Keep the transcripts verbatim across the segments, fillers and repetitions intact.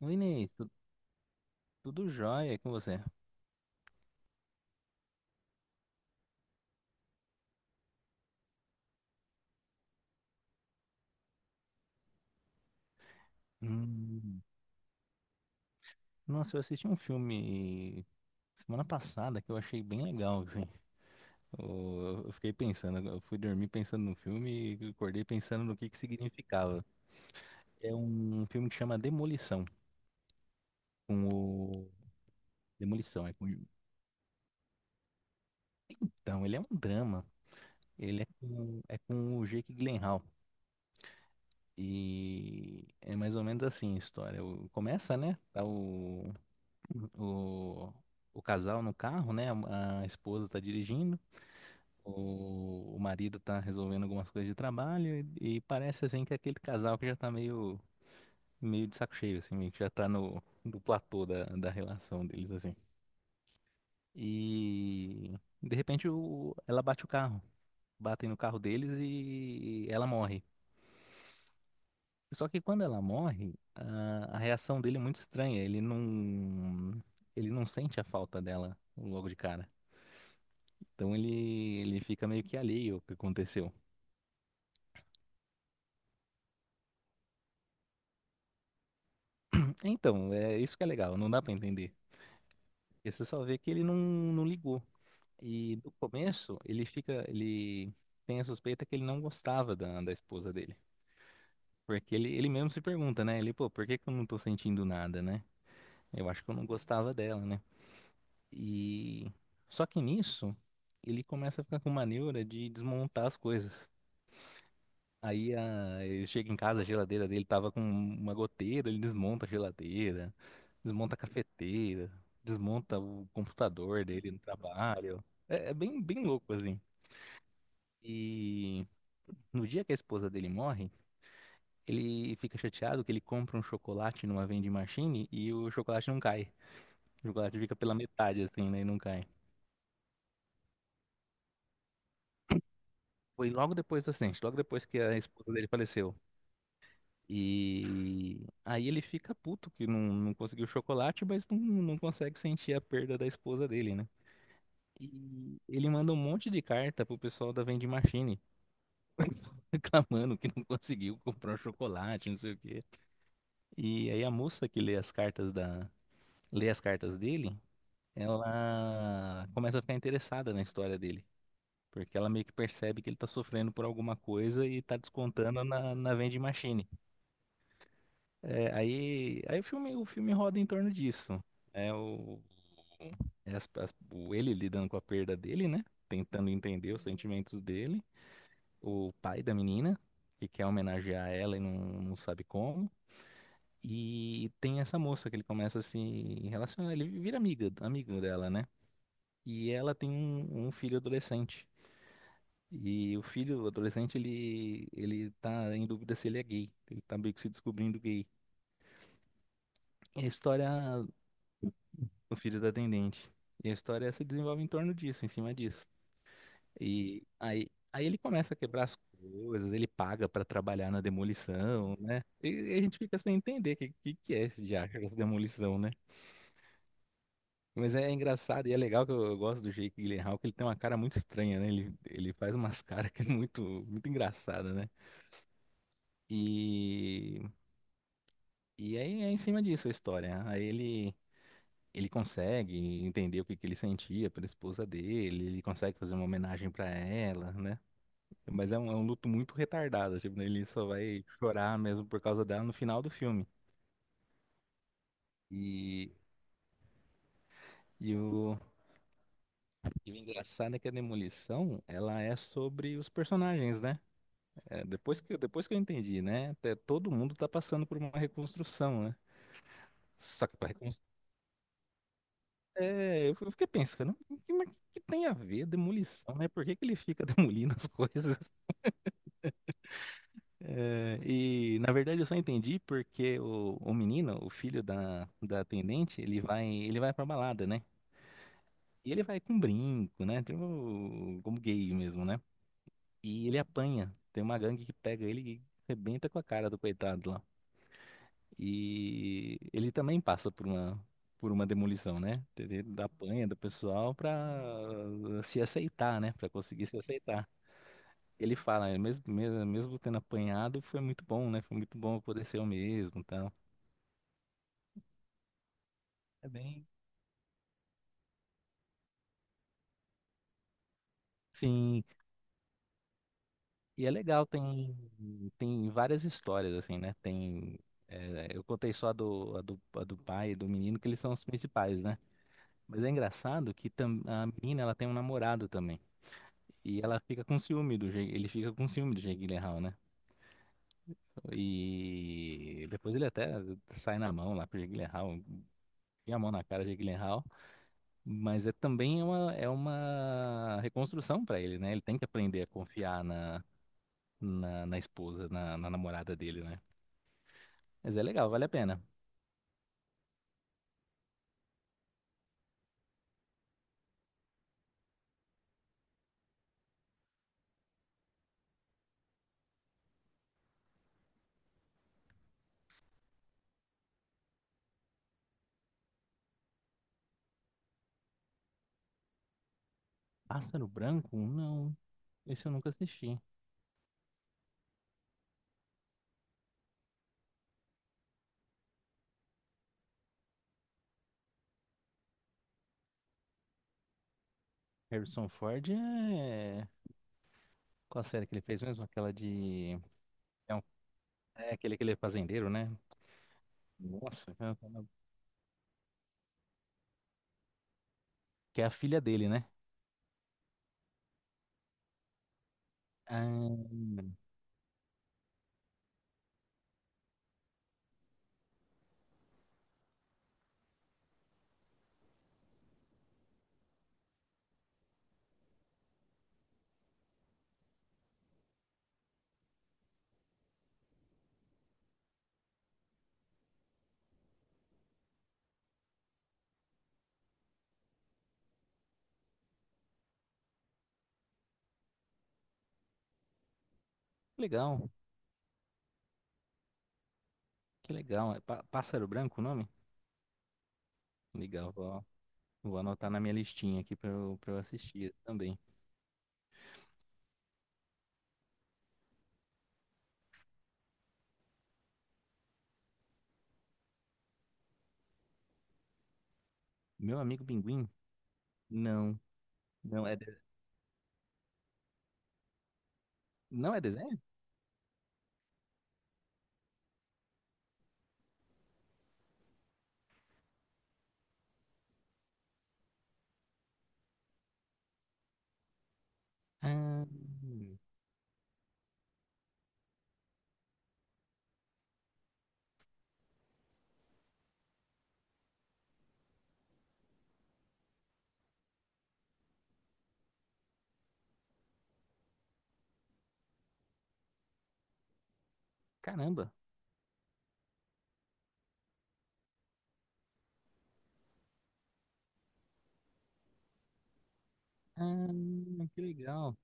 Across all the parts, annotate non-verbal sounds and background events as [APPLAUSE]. Oi, Inês, tu- tudo jóia e com você? Hum, Nossa, eu assisti um filme semana passada que eu achei bem legal, assim. Eu, eu fiquei pensando, eu fui dormir pensando no filme e acordei pensando no que que significava. É um filme que chama Demolição, com o... Demolição, é com... Então, ele é um drama, ele é com, é com o Jake Gyllenhaal. E é mais ou menos assim a história. O- Começa, né? Tá o o, o casal no carro, né? A, a esposa tá dirigindo, o, o marido tá resolvendo algumas coisas de trabalho e, e parece assim que é aquele casal que já tá meio, meio de saco cheio, assim, meio que já tá no, no platô da, da relação deles, assim. E de repente o, ela bate o carro, batem no carro deles e ela morre. Só que quando ela morre, a, a reação dele é muito estranha. Ele não, ele não sente a falta dela logo de cara. Então ele, ele fica meio que alheio ao que aconteceu. Então, é isso que é legal, não dá pra entender. Porque você só vê que ele não, não ligou. E do começo, ele fica, ele tem a suspeita que ele não gostava da, da esposa dele. Porque ele, ele mesmo se pergunta, né? Ele, pô, por que que eu não tô sentindo nada, né? Eu acho que eu não gostava dela, né? E só que nisso, ele começa a ficar com uma neura de desmontar as coisas. Aí a- ele chega em casa, a geladeira dele tava com uma goteira, ele desmonta a geladeira, desmonta a cafeteira, desmonta o computador dele no trabalho. É, é bem, bem louco, assim. E no dia que a esposa dele morre, ele fica chateado que ele compra um chocolate numa vending machine e o chocolate não cai. O chocolate fica pela metade, assim, né? E não cai. Foi logo depois do acidente, logo depois que a esposa dele faleceu. E aí ele fica puto que não, não conseguiu chocolate, mas não, não consegue sentir a perda da esposa dele, né? E ele manda um monte de carta pro pessoal da vending machine, [LAUGHS] reclamando que não conseguiu comprar o chocolate, não sei o quê. E aí a moça que lê as cartas da, lê as cartas dele, ela começa a ficar interessada na história dele. Porque ela meio que percebe que ele tá sofrendo por alguma coisa e tá descontando na, na vending machine. É, aí, aí o filme, o filme roda em torno disso. É o, é as- as- o ele lidando com a perda dele, né? Tentando entender os sentimentos dele. O pai da menina, que quer homenagear ela e não, não sabe como. E tem essa moça que ele começa a se relacionar. Ele vira amiga, amigo dela, né? E ela tem um, um filho adolescente. E o filho adolescente, ele, ele tá em dúvida se ele é gay. Ele tá meio que se descobrindo gay. E a história O filho da atendente. E a história se desenvolve em torno disso, em cima disso. E aí, aí ele começa a quebrar as coisas, ele paga pra trabalhar na demolição, né? E, e a gente fica sem entender o que, que, que é esse diacho, essa demolição, né? Mas é engraçado e é legal que eu, eu gosto do Jake Gyllenhaal, que ele tem uma cara muito estranha, né? Ele, ele faz umas [LAUGHS] caras que é muito, muito engraçada, né? E, e aí é em cima disso a história. Aí ele Ele consegue entender o que que ele sentia pela esposa dele, ele consegue fazer uma homenagem pra ela, né? Mas é um, é um luto muito retardado, tipo, ele só vai chorar mesmo por causa dela no final do filme. E, e, o, e o engraçado é que a Demolição, ela é sobre os personagens, né? É, depois que, depois que eu entendi, né? Até todo mundo tá passando por uma reconstrução, né? Só que pra reconstrução. É, eu eu fiquei pensando, o que, mas o que tem a ver demolição, né? Por que que ele fica [LAUGHS] demolindo as coisas? É, e na verdade eu só entendi porque o, o menino, o filho da, da atendente, ele vai, ele vai pra balada, né? E ele vai com brinco, né? Tipo, como gay mesmo, né? E ele apanha. Tem uma gangue que pega ele e arrebenta com a cara do coitado lá. E ele também passa por uma, por uma demolição, né? Ele apanha do pessoal pra eh, se aceitar, né? Pra conseguir se aceitar. Ele fala, "É, mesmo, mesmo, mesmo tendo apanhado, foi muito bom, né? Foi muito bom poder ser eu mesmo, tal. É bem. Sim, e é legal, tem, tem várias histórias, assim, né? Tem. É, eu contei só a do, a do, a do pai e do menino, que eles são os principais, né? Mas é engraçado que tam- a menina, ela tem um namorado também. E ela fica com ciúme do Jake, ele fica com ciúme do Jake Gyllenhaal, né? E depois ele até sai na mão lá pro Jake Gyllenhaal, enfia a mão na cara do Jake Gyllenhaal. Mas é também uma, é uma reconstrução para ele, né? Ele tem que aprender a confiar na, na esposa, na, na namorada dele, né? Mas é legal, vale a pena. Pássaro Branco? Não. Esse eu nunca assisti. Harrison Ford, é. Qual a série que ele fez mesmo? Aquela de... É, um- é aquele, aquele fazendeiro, né? Nossa, tá, que é a filha dele, né? Ah, que legal, que legal. É Pá- Pássaro Branco o nome? Legal, vou, vou anotar na minha listinha aqui pra eu, pra eu assistir também. Meu amigo Pinguim? Não, não é, de- não é desenho? Ah, caramba. Ah, que legal.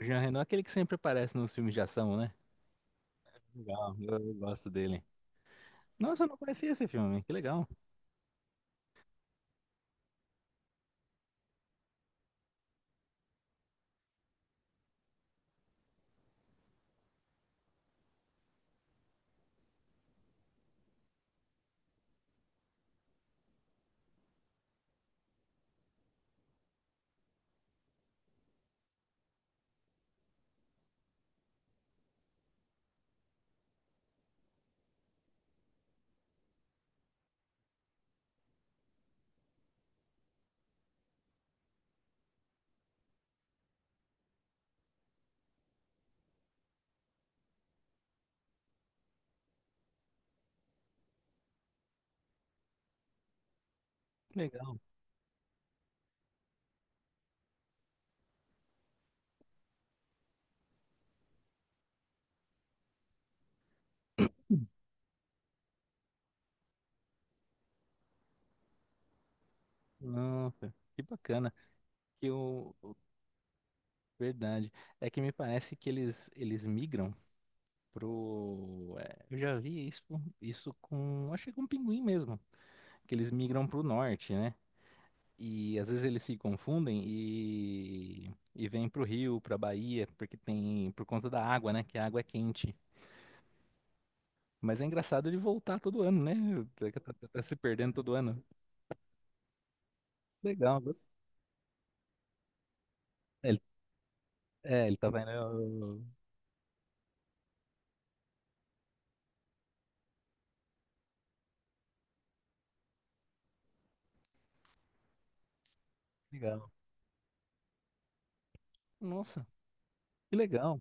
O Jean Reno é aquele que sempre aparece nos filmes de ação, né? Legal, eu, eu gosto dele. Nossa, eu não conhecia esse filme. Que legal, que legal. Nossa, que bacana. Que o verdade é que me parece que eles eles migram pro... É, eu já vi isso isso com, acho que com pinguim mesmo. Que eles migram pro norte, né? E às vezes eles se confundem e e vêm pro Rio, pra Bahia, porque tem, por conta da água, né? Que a água é quente. Mas é engraçado ele voltar todo ano, né? Tá, tá- tá- tá se perdendo todo ano. Legal, gost- é, Ele, é, ele tá vendo. eu- Legal. Nossa, que legal,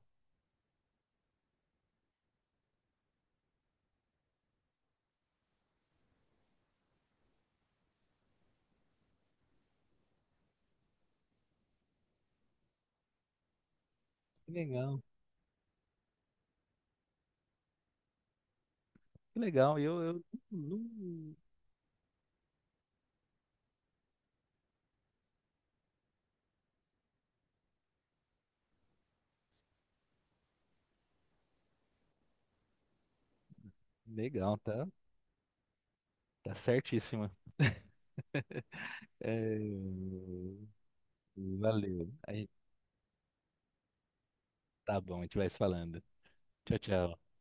que legal, que legal. Eu, eu não- Legal, tá? Tá certíssima. É, valeu. Aí, tá bom, a gente vai se falando. Tchau, tchau.